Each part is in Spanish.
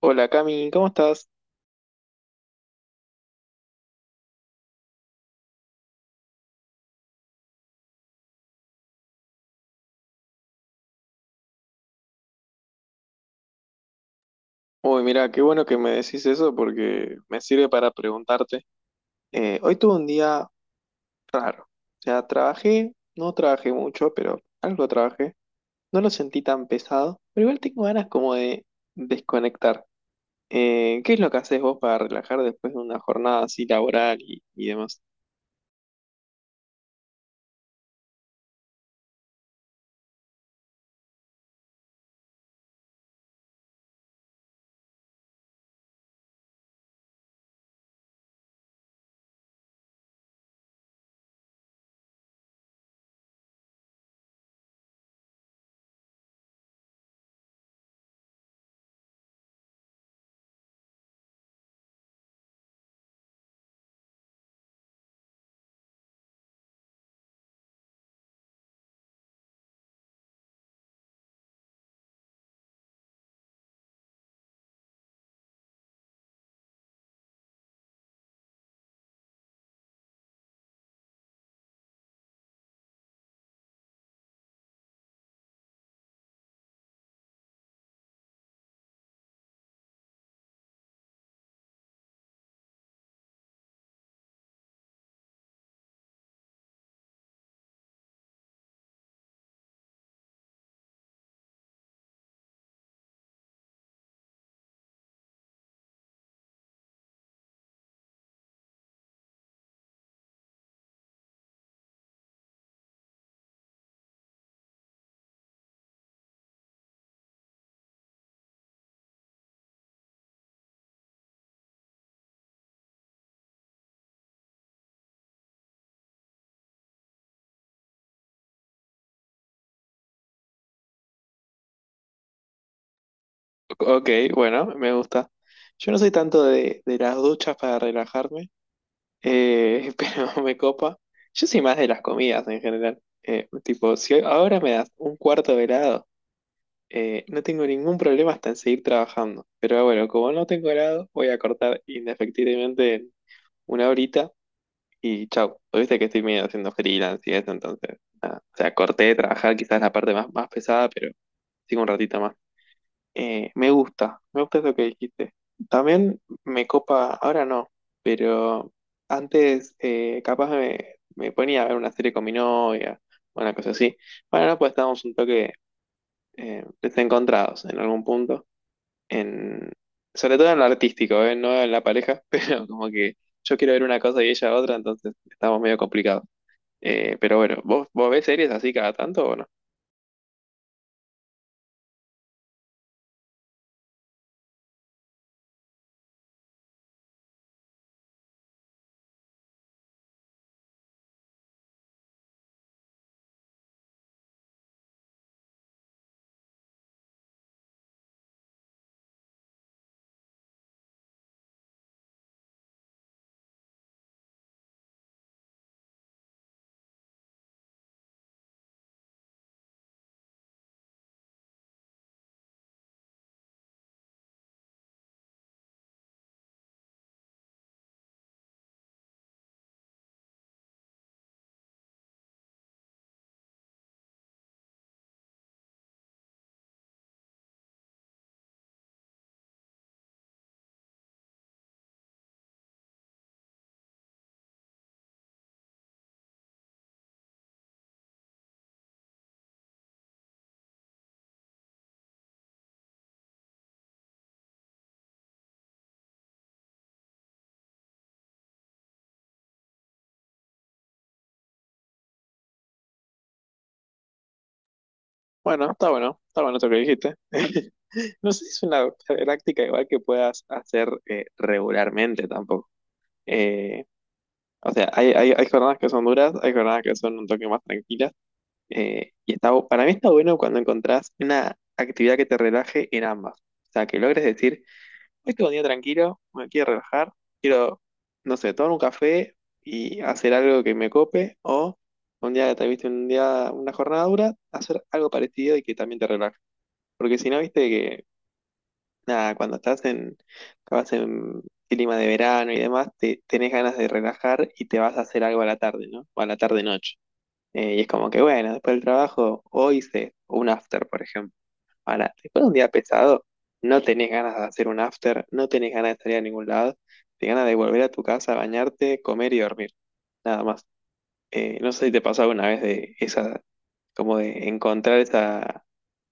Hola Cami, ¿cómo estás? Uy, mira, qué bueno que me decís eso porque me sirve para preguntarte. Hoy tuve un día raro. O sea, trabajé, no trabajé mucho, pero algo trabajé. No lo sentí tan pesado, pero igual tengo ganas como de desconectar. ¿Qué es lo que haces vos para relajar después de una jornada así laboral y demás? Ok, bueno, me gusta. Yo no soy tanto de las duchas para relajarme. Pero me copa. Yo soy más de las comidas en general. Tipo, si ahora me das un cuarto de helado, no tengo ningún problema hasta en seguir trabajando. Pero bueno, como no tengo helado, voy a cortar inefectivamente en una horita y chau. Pues viste que estoy medio haciendo freelance y eso, entonces. O sea, corté de trabajar quizás la parte más pesada, pero sigo un ratito más. Me gusta eso que dijiste. También me copa, ahora no, pero antes capaz me ponía a ver una serie con mi novia, una cosa así. Bueno, no, pues estábamos un toque desencontrados en algún punto, en, sobre todo en lo artístico, ¿eh? No en la pareja, pero como que yo quiero ver una cosa y ella otra, entonces estamos medio complicados. Pero bueno, vos ves series así cada tanto o no? Bueno, está bueno, está bueno eso que dijiste. No sé si es una práctica igual que puedas hacer regularmente tampoco. Eh, o sea, hay jornadas que son duras, hay jornadas que son un toque más tranquilas. Y está, para mí está bueno cuando encontrás una actividad que te relaje en ambas. O sea, que logres decir, hoy tengo un día tranquilo, me quiero relajar, quiero, no sé, tomar un café y hacer algo que me cope. O un día que te viste un día, una jornada dura, hacer algo parecido y que también te relaje. Porque si no, viste que, nada, cuando estás en, capaz en clima de verano y demás, tenés ganas de relajar y te vas a hacer algo a la tarde, ¿no? O a la tarde-noche. Y es como que, bueno, después del trabajo, hoy hice un after, por ejemplo. Ahora, después de un día pesado, no tenés ganas de hacer un after, no tenés ganas de salir a ningún lado, tenés ganas de volver a tu casa, bañarte, comer y dormir, nada más. No sé si te pasó alguna vez de esa, como de encontrar esa,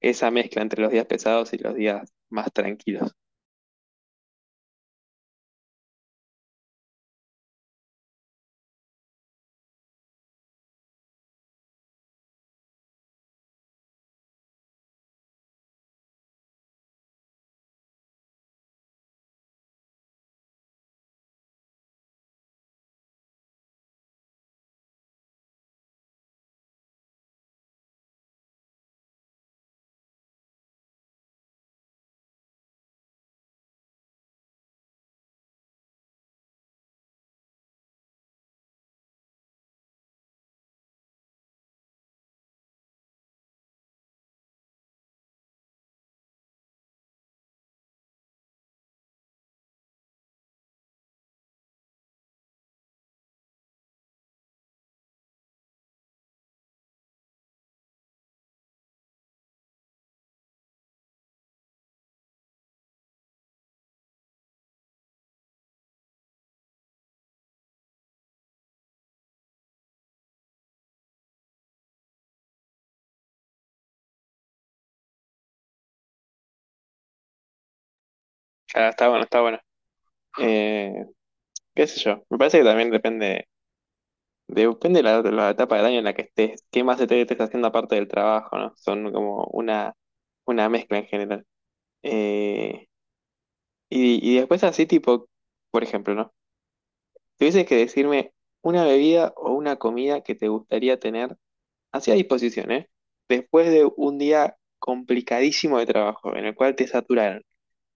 esa mezcla entre los días pesados y los días más tranquilos. Ah, está bueno, está bueno. Eh, Qué sé yo, me parece que también depende de la etapa del año en la que estés, qué más te estés haciendo aparte del trabajo, ¿no? Son como una mezcla en general. Eh, y después así tipo, por ejemplo, ¿no? Si tuvieses que decirme una bebida o una comida que te gustaría tener así a disposición, ¿eh? Después de un día complicadísimo de trabajo, en el cual te saturaron.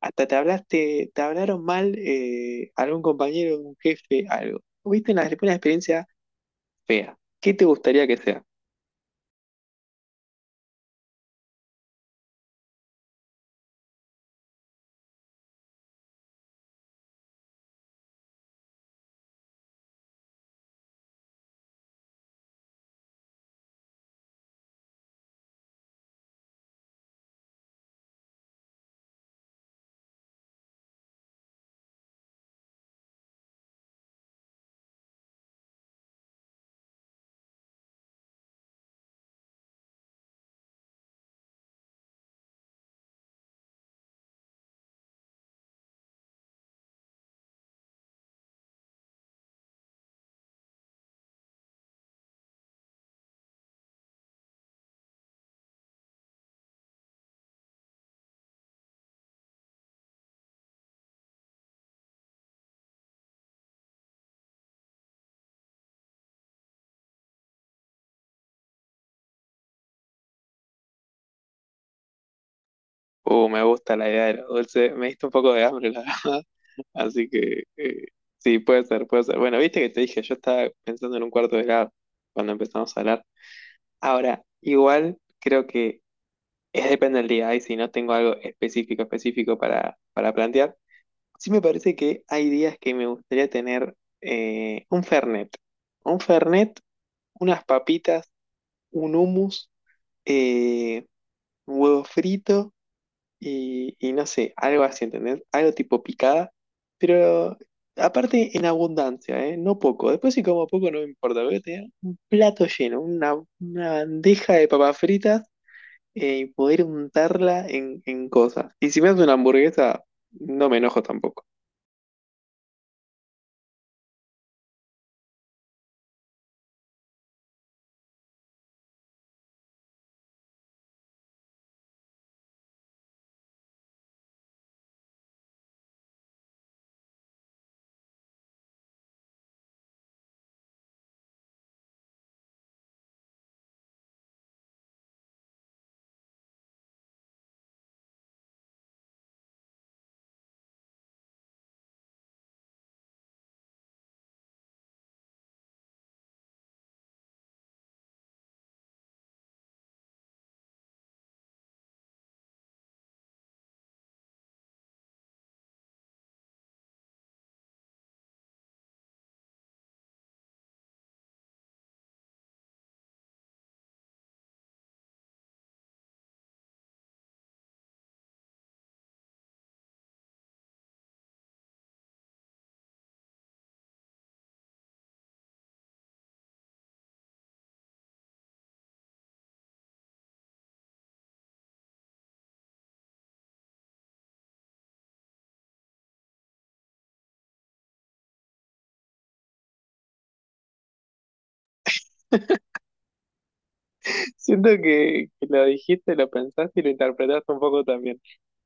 Hasta te hablaste, te hablaron mal algún compañero, un jefe, algo. Tuviste una experiencia fea. ¿Qué te gustaría que sea? Me gusta la idea de los dulces. Me diste un poco de hambre, la verdad. Así que sí, puede ser, puede ser. Bueno, viste que te dije, yo estaba pensando en un cuarto de grado cuando empezamos a hablar. Ahora, igual creo que es depende del día. Ahí si no tengo algo específico, específico para plantear, sí me parece que hay días que me gustaría tener un Fernet. Un Fernet, unas papitas, un hummus, eh, un huevo frito y no sé, algo así, ¿entendés? Algo tipo picada, pero aparte en abundancia, ¿eh? No poco. Después si como poco no me importa, pero tener un plato lleno, una bandeja de papas fritas y poder untarla en cosas. Y si me hace una hamburguesa, no me enojo tampoco. Siento que lo dijiste, lo pensaste y lo interpretaste un poco también.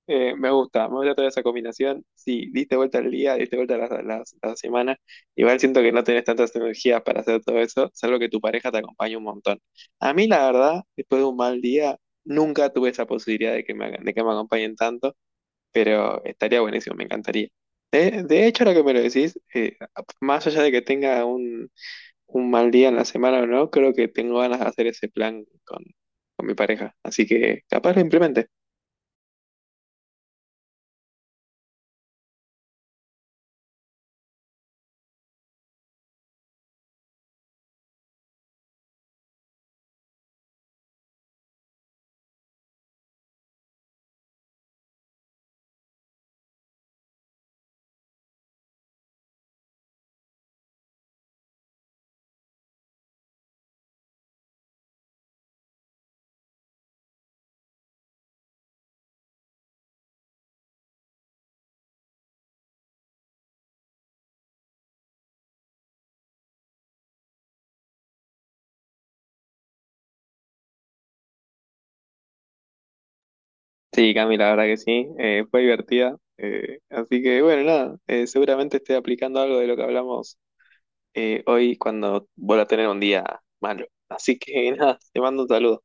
Me gusta toda esa combinación. Sí, diste vuelta al día, diste vuelta a la, la semana. Igual siento que no tenés tantas energías para hacer todo eso, salvo que tu pareja te acompañe un montón. A mí, la verdad, después de un mal día, nunca tuve esa posibilidad de que de que me acompañen tanto, pero estaría buenísimo, me encantaría. De hecho, ahora que me lo decís, más allá de que tenga un mal día en la semana o no, creo que tengo ganas de hacer ese plan con mi pareja. Así que capaz lo implemente. Sí, Cami, la verdad que sí. Fue divertida. Así que bueno, nada. Seguramente esté aplicando algo de lo que hablamos hoy cuando vuelva a tener un día malo. Así que nada, te mando un saludo.